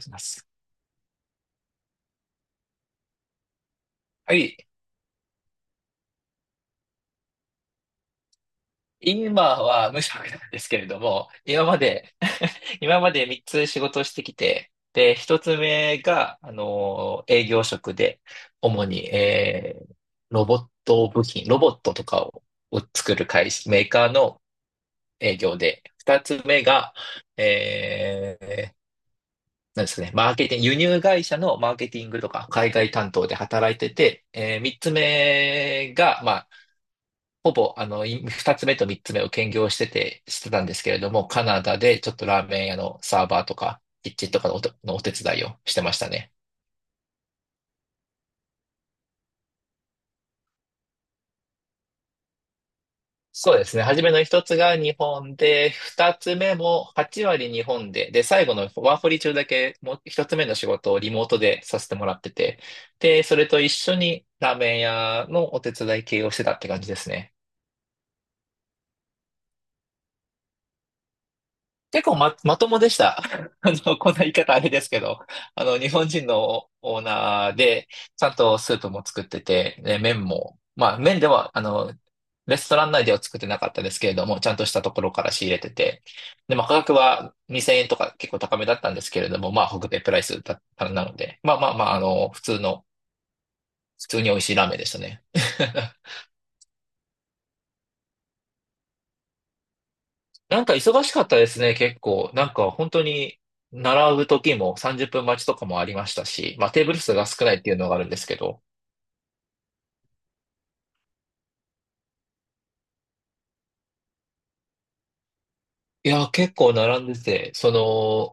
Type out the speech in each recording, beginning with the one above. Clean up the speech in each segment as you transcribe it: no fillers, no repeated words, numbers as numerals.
します。はい。今は無職なんですけれども、今まで、今まで3つ仕事をしてきて、で、1つ目が、営業職で、主に、ロボット部品、ロボットとかを、作る会社、メーカーの営業で、2つ目が、えーなんですかね、マーケティング、輸入会社のマーケティングとか海外担当で働いてて、3つ目が、ほぼ、二つ目と三つ目を兼業してて、してたんですけれども、カナダでちょっとラーメン屋のサーバーとか、キッチンとかののお手伝いをしてましたね。そうですね。初めの一つが日本で、二つ目も8割日本で、で、最後のワーホリ中だけ、もう一つ目の仕事をリモートでさせてもらってて、で、それと一緒にラーメン屋のお手伝い系をしてたって感じですね。結構まともでした。こんな言い方あれですけど、日本人のオーナーで、ちゃんとスープも作ってて、で、麺も、まあ、麺では、あの、レストラン内では作ってなかったですけれども、ちゃんとしたところから仕入れてて、で、まあ、価格は2000円とか結構高めだったんですけれども、まあ、北米プライスだったなので、普通に美味しいラーメンでしたね。なんか忙しかったですね、結構。なんか本当に、並ぶ時も30分待ちとかもありましたし、まあテーブル数が少ないっていうのがあるんですけど。いや、結構並んでて、そ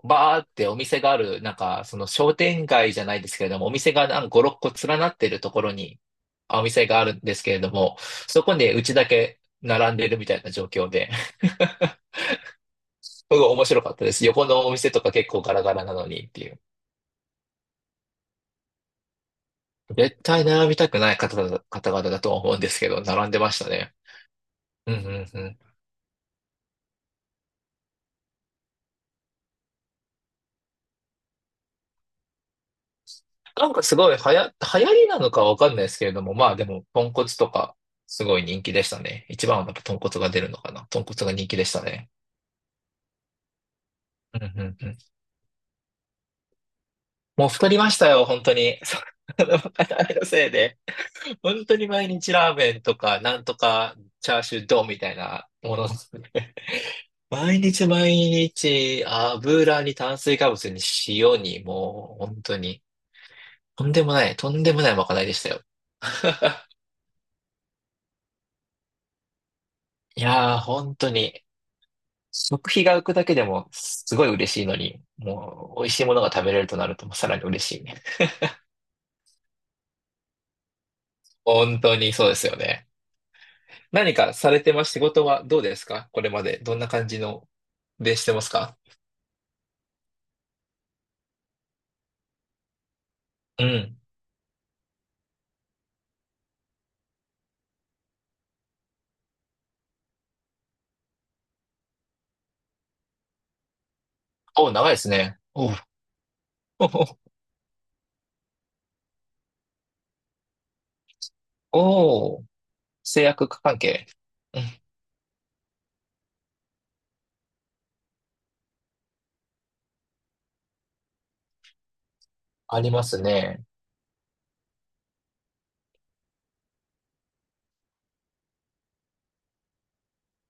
の、バーってお店がある、商店街じゃないですけれども、お店がなんか5、6個連なってるところに、お店があるんですけれども、そこでうちだけ並んでるみたいな状況で、すごい面白かったです。横のお店とか結構ガラガラなのにっていう。絶対並びたくない方々だとは思うんですけど、並んでましたね。うんうんうん。なんかすごい流行りなのかわかんないですけれども、まあでも、豚骨とか、すごい人気でしたね。一番はやっぱ豚骨が出るのかな。豚骨が人気でしたね。うんうんうん。もう太りましたよ、本当に。そうあのまかなれのせいで。本当に毎日ラーメンとか、なんとかチャーシュー丼みたいなものですね。毎日毎日、油に炭水化物に塩に、もう本当に、とんでもないまかないでしたよ。いやー、本当に。食費が浮くだけでもすごい嬉しいのに、もう美味しいものが食べれるとなるともうさらに嬉しいね。本当にそうですよね。何かされてます？仕事はどうですか？これまでどんな感じので？してますか？うん。お、長いですね。おう、おう、おう、製薬関係。うん。ありますね。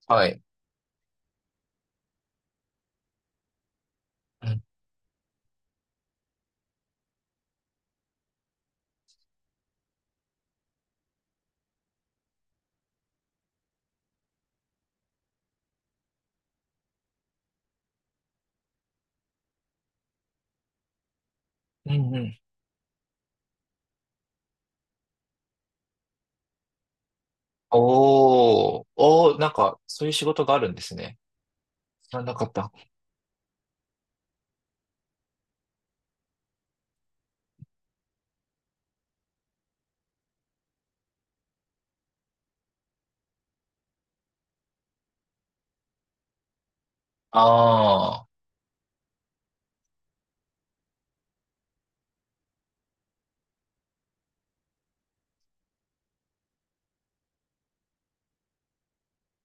はい。うん。うんうん。おー、おー、なんか、そういう仕事があるんですね。知らなかった。ああ、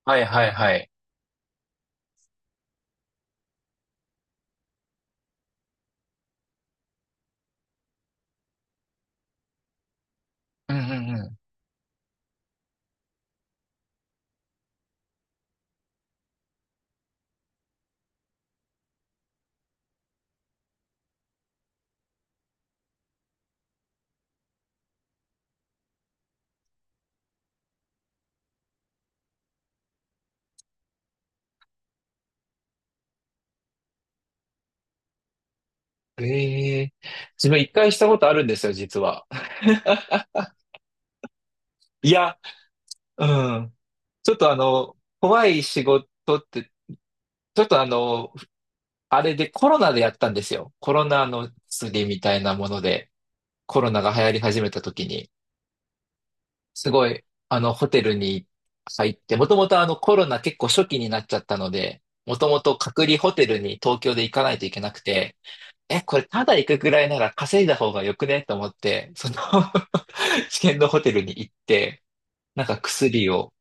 はいはいはい。うんうんうん。ええ自分一回したことあるんですよ、実は。いや、うん。ちょっとあの、怖い仕事って、ちょっとあの、あれでコロナでやったんですよ。コロナの薬みたいなもので、コロナが流行り始めた時に、すごい、あの、ホテルに入って、もともとあの、コロナ結構初期になっちゃったので、もともと隔離ホテルに東京で行かないといけなくて、え、これただ行くぐらいなら稼いだ方がよくねと思って、その 試験のホテルに行って、なんか薬を、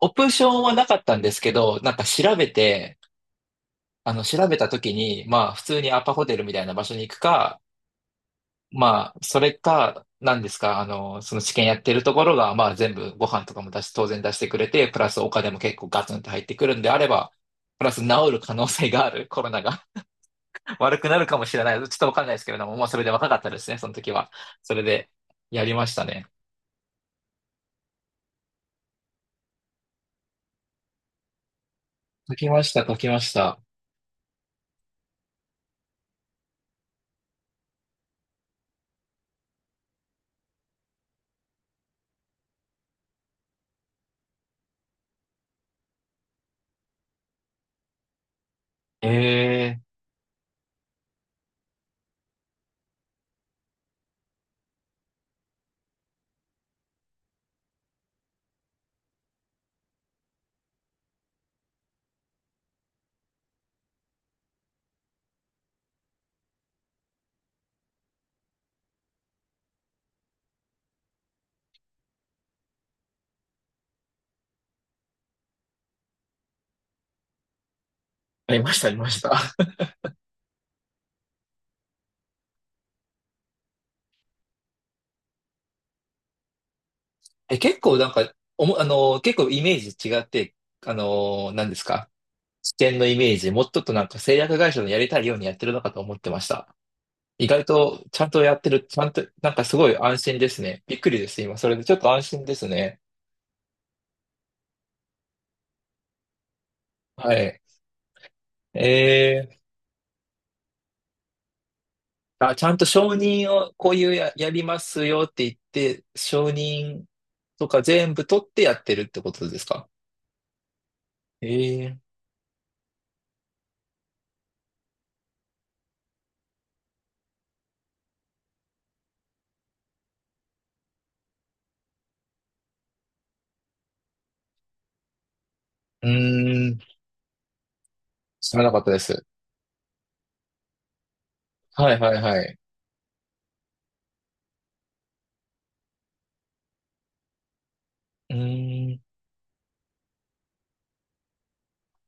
オプションはなかったんですけど、なんか調べて、調べた時に、まあ、普通にアパホテルみたいな場所に行くか、まあ、それか、なんですか、あの、その治験やってるところが、まあ、全部ご飯とかも当然出してくれて、プラスお金も結構ガツンと入ってくるんであれば、プラス治る可能性がある、コロナが 悪くなるかもしれない。ちょっとわかんないですけれども、もうそれで若かったですね、その時は。それで、やりましたね。解きました、解きました。ええー。ありました、ありました。え、結構なんか、おも、あの結構イメージ違って、何ですか？視点のイメージ、もうちょっとなんか製薬会社のやりたいようにやってるのかと思ってました。意外とちゃんとやってる、ちゃんと、なんかすごい安心ですね。びっくりです、今。それでちょっと安心ですね。はい。えー、あ、ちゃんと承認をこういうや、やりますよって言って、承認とか全部取ってやってるってことですか？えー、うーん、知らなかったです。はいはいはい。うーん、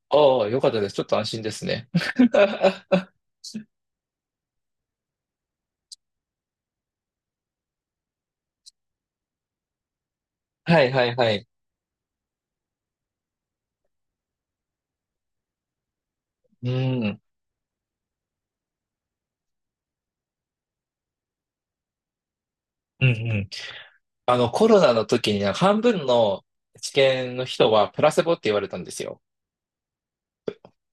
ああ、よかったです。ちょっと安心ですね。はいはいはい。うん。うんうん。あの、コロナの時にね、半分の治験の人はプラセボって言われたんですよ。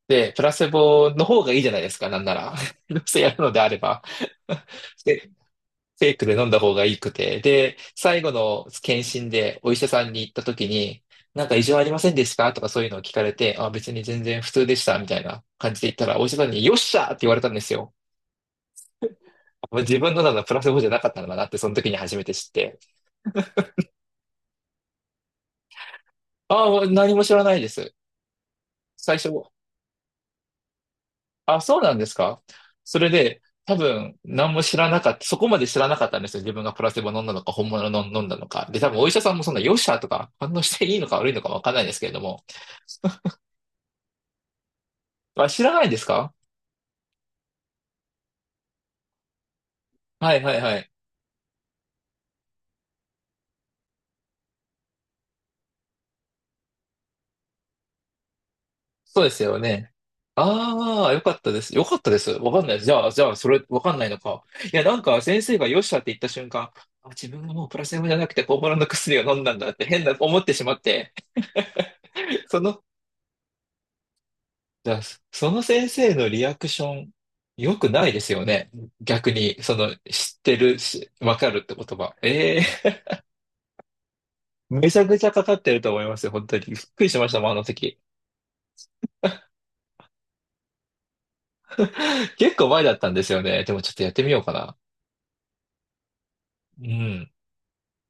で、プラセボの方がいいじゃないですか、なんなら。どうせやるのであれば。で、フェイクで飲んだ方がいいくて。で、最後の検診でお医者さんに行った時に、なんか異常ありませんでしたとかそういうのを聞かれて、あ、別に全然普通でした、みたいな感じで言ったら、お医者さんによっしゃーって言われたんですよ。自分のなのプラスボじゃなかったのかなって、その時に初めて知って。ああ、もう何も知らないです。最初、あ、そうなんですか？それで、多分、何も知らなかった、そこまで知らなかったんですよ。自分がプラセボ飲んだのか、本物の飲んだのか。で、多分、お医者さんもそんな、よっしゃとか、反応していいのか悪いのかわかんないですけれども。あ、知らないですか？はいはいはい。そうですよね。ああ、よかったです。よかったです。わかんないです。じゃあ、じゃあ、それ、わかんないのか。いや、なんか、先生がよっしゃって言った瞬間、あ、自分がもうプラセボじゃなくて、本物の薬を飲んだんだって変な思ってしまって、その、じゃあ、その先生のリアクション、良くないですよね。逆に、その、知ってるし、わかるって言葉。ええ、めちゃくちゃかかってると思いますよ、本当に。びっくりしましたもん、あの時。結構前だったんですよね。でも、ちょっとやってみようかな。うん。